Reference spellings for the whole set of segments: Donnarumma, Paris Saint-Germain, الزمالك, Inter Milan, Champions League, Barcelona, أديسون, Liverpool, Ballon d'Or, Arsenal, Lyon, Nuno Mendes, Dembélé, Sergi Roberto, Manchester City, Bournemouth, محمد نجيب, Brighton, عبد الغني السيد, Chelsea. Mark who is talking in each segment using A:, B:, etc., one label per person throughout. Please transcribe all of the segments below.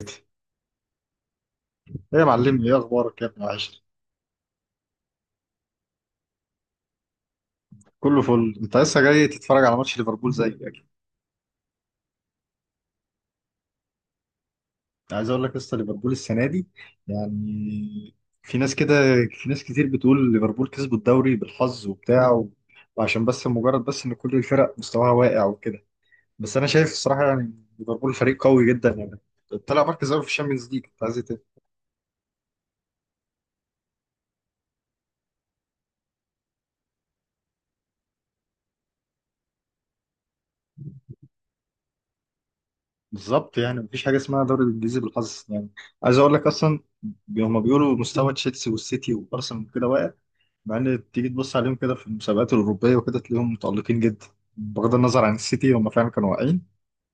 A: ايه يا معلمي، ايه اخبارك يا ابن العشر؟ كله فل. انت لسه جاي تتفرج على ماتش ليفربول زي اكيد. عايز اقول لك، لسه ليفربول السنه دي، يعني، في ناس كده في ناس كتير بتقول ليفربول كسبوا الدوري بالحظ وبتاع وعشان بس مجرد بس ان كل الفرق مستواها واقع وكده. بس انا شايف الصراحه، يعني ليفربول فريق قوي جدا، يعني طلع مركز اول في الشامبيونز ليج، انت عايز إيه تاني؟ بالظبط، يعني مفيش حاجه اسمها دوري الانجليزي بالحظ، يعني عايز اقول لك اصلا، هم بيقولوا مستوى تشيلسي والسيتي وارسنال وكده واقع، مع ان تيجي تبص عليهم كده في المسابقات الاوروبيه وكده تلاقيهم متالقين جدا. بغض النظر عن السيتي، هم فعلا كانوا واقعين،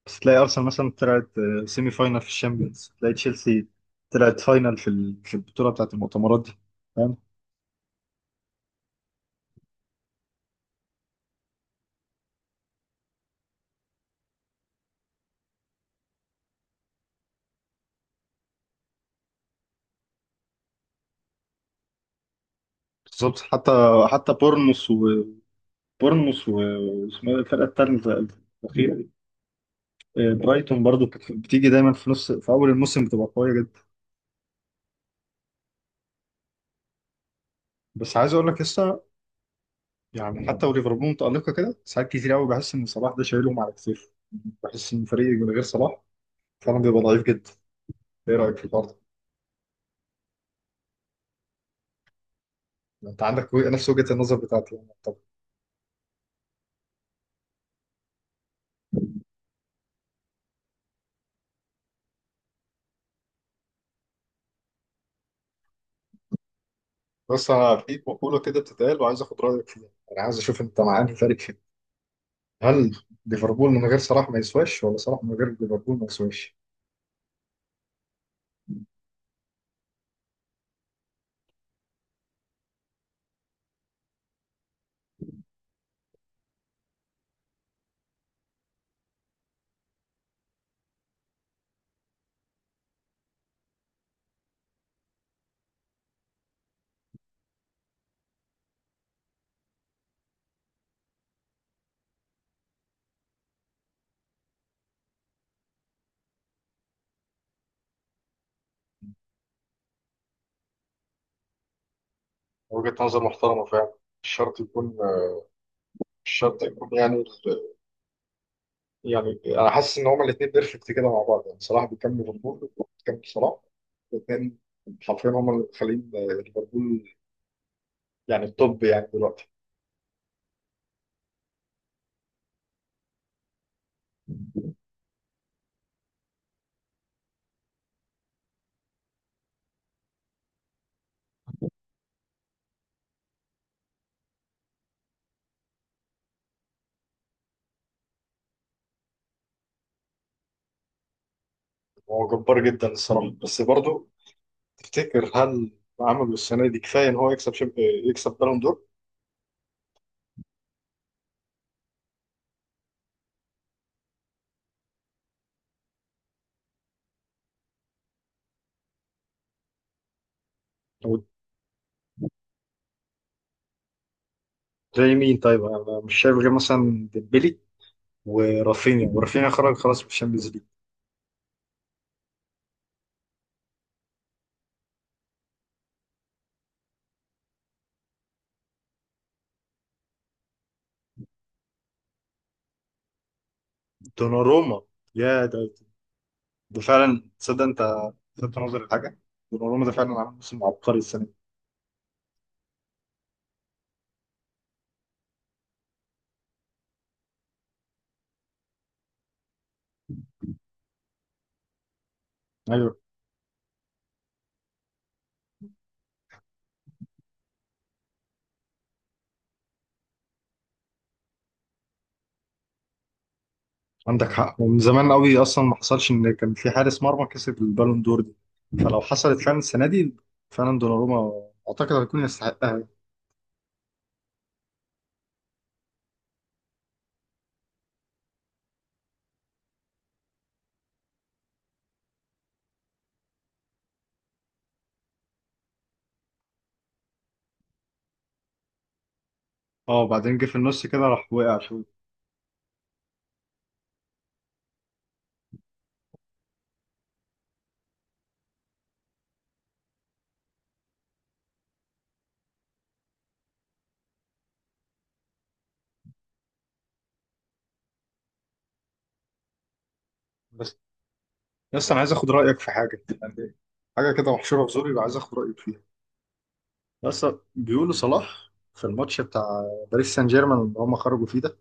A: بس تلاقي ارسنال مثلا طلعت سيمي فاينال في الشامبيونز، تلاقي تشيلسي طلعت فاينال في في البطوله بتاعت المؤتمرات دي. فاهم؟ بالظبط، حتى بورنموث. واسمها إيه الفرقه الثالثه الاخيره دي؟ برايتون برضو كانت بتيجي دايما في نص، في اول الموسم بتبقى قويه جدا. بس عايز اقول لك، لسه يعني حتى وليفربول متألقة كده ساعات كتير قوي. بحس إن صلاح ده شايلهم على كتير. بحس إن فريق من غير صلاح فعلا بيبقى ضعيف جدا. إيه رأيك في الحوار ده؟ يعني أنت عندك نفس وجهة النظر بتاعتي، يعني؟ طب، بس أنا في مقولة كده بتتقال وعايز آخد رأيك فيها. أنا عايز أشوف أنت مع أنهي فريق فيهم، هل ليفربول من غير صلاح ما يسواش، ولا صلاح من غير ليفربول ما يسواش؟ وجهة نظر محترمة فعلا. مش شرط يكون مش شرط يكون يعني، يعني انا حاسس ان هما الاثنين بيرفكت كده مع بعض، يعني صلاح بيكمل ليفربول، بيكمل صلاح. الاثنين حرفيا هما اللي مخلين ليفربول يعني التوب يعني دلوقتي. هو جبار جدا الصراحه، بس برضه تفتكر، هل عمله السنه دي كفايه ان هو يكسب يكسب بالون دور؟ وزي مين؟ طيب، انا مش شايف غير مثلا ديمبلي ورافينيا. ورافينيا خرج خلاص من الشامبيونز ليج. دوناروما، يا ده، ده فعلا، تصدق انت لفت نظري لحاجه؟ دوناروما ده فعلا عامل موسم عبقري السنه دي. ايوه، عندك حق. ومن زمان قوي اصلا ما حصلش ان كان في حارس مرمى كسب البالون دور دي، فلو حصلت فعلا السنه دي، فعلا دوناروما اعتقد هيكون يستحقها. اه، وبعدين جه في النص كده راح وقع شويه. بس بس انا عايز اخد رايك في حاجه، يعني حاجه كده محشوره في زوري وعايز اخد رايك فيها. بس بيقولوا صلاح في الماتش بتاع باريس سان جيرمان اللي هم خرجوا فيه ده،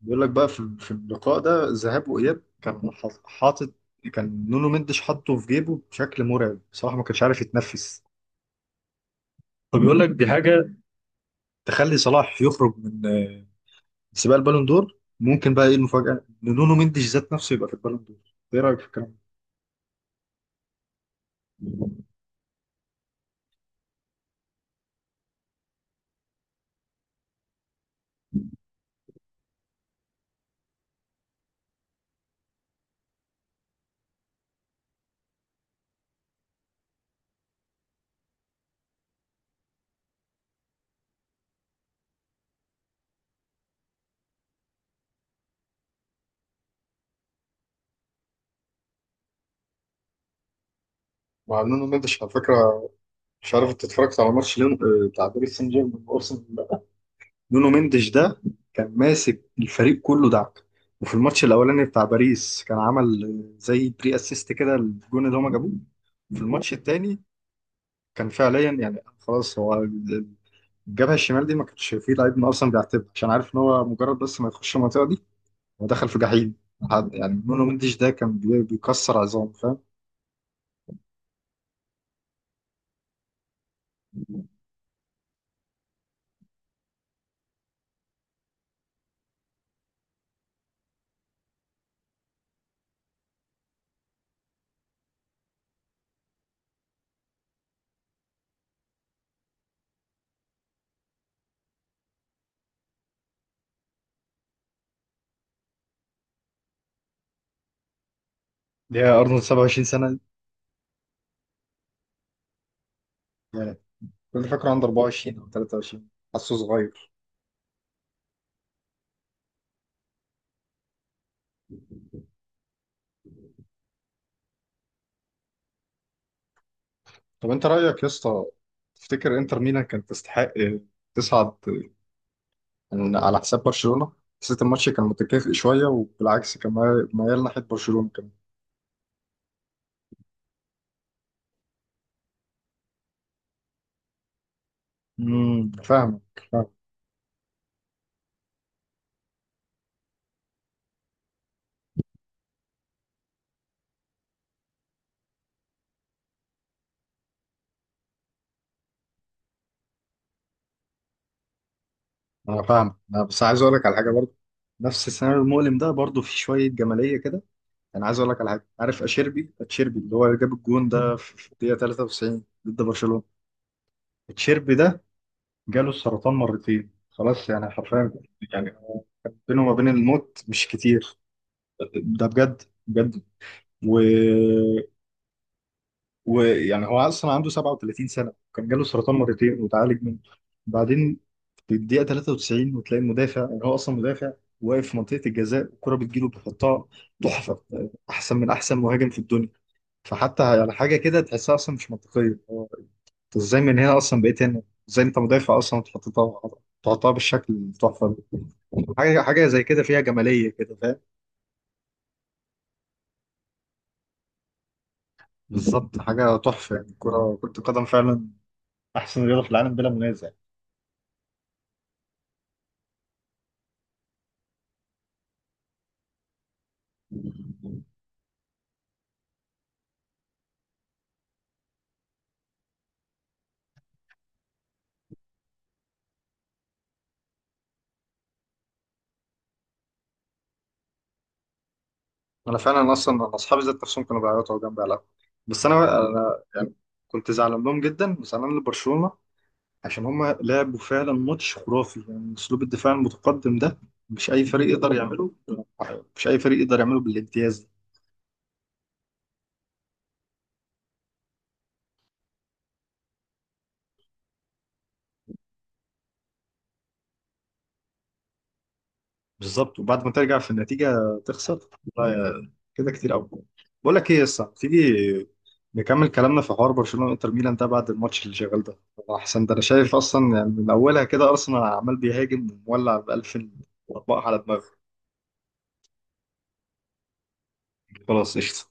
A: بيقول لك بقى في اللقاء ده ذهاب واياب كان حاطط، كان نونو مندش حاطه في جيبه بشكل مرعب، صلاح ما كانش عارف يتنفس. فبيقول لك دي حاجة تخلي صلاح يخرج من سباق البالون دور. ممكن بقى ايه المفاجأة، ان نونو مندش ذات نفسه يبقى في البالون دور. ايه رأيك في الكلام ده؟ مع نونو مندش على فكره. مش عارف انت اتفرجت على ماتش ليون بتاع باريس سان جيرمان وارسنال ولا لأ. نونو مندش ده كان ماسك الفريق كله دعك. وفي الماتش الاولاني بتاع باريس كان عمل زي بري اسيست كده الجون اللي هما جابوه. في الماتش التاني كان فعليا، يعني خلاص، هو الجبهة الشمال دي ما كانش فيه لعيب من اصلا بيعتبر، عشان عارف ان هو مجرد بس ما يخش المنطقة دي هو دخل في جحيم. حد يعني نونو مندش ده كان بيكسر عظام. فاهم؟ ليه يا ارنولد 27 سنه دي؟ يعني كل فاكره عنده 24 او 23، حاسه صغير. طب انت رايك يا اسطى، تفتكر انتر ميلان كانت تستحق تصعد، يعني على حساب برشلونه؟ حسيت الماتش كان متكافئ شويه، وبالعكس كان مايل مايل ناحيه برشلونه كمان. فاهمك. فاهم. انا فاهم. انا بس عايز اقول لك على حاجه برضه، نفس السيناريو المؤلم ده برضه في شويه جماليه كده. انا عايز اقول لك على حاجه. عارف اشيربي، اتشيربي اللي هو جاب الجون ده في الدقيقه 93 ضد برشلونه؟ اتشيربي ده جاله السرطان مرتين، خلاص، يعني حرفيا، يعني بينه وما بين الموت مش كتير. ده بجد بجد. و... ويعني هو اصلا عنده 37 سنه، كان جاله سرطان مرتين وتعالج منه، بعدين في الدقيقه 93 وتلاقي المدافع، يعني هو اصلا مدافع، واقف في منطقه الجزاء، الكره بتجيله بيحطها تحفه، احسن من احسن مهاجم في الدنيا. فحتى يعني حاجه كده تحسها اصلا مش منطقيه. هو انت ازاي من هنا اصلا بقيت هنا؟ ازاي انت مدافع اصلا وتحطها، تحطها بالشكل التحفه ده؟ حاجه، حاجه زي كده فيها جماليه كده. فاهم؟ بالظبط. حاجه تحفه، يعني الكره، كره القدم فعلا احسن رياضه في العالم بلا منازع. انا فعلا اصلا أنا اصحابي ذات نفسهم كانوا بيعيطوا جنبي على القهوة. بس انا يعني كنت زعلان لهم جدا وزعلان لبرشلونه، عشان هم لعبوا فعلا ماتش خرافي. يعني اسلوب الدفاع المتقدم ده مش اي فريق يقدر يعمله، مش اي فريق يقدر يعمله بالامتياز. بالظبط، وبعد ما ترجع في النتيجه تخسر، لا كده كتير قوي. بقول لك ايه يا اسطى، تيجي نكمل كلامنا في حوار برشلونه وانتر ميلان ده بعد الماتش اللي شغال ده؟ احسن ده انا شايف اصلا يعني من اولها كده ارسنال عمال بيهاجم ومولع ب 2000 اطباق على دماغه. خلاص قشطه.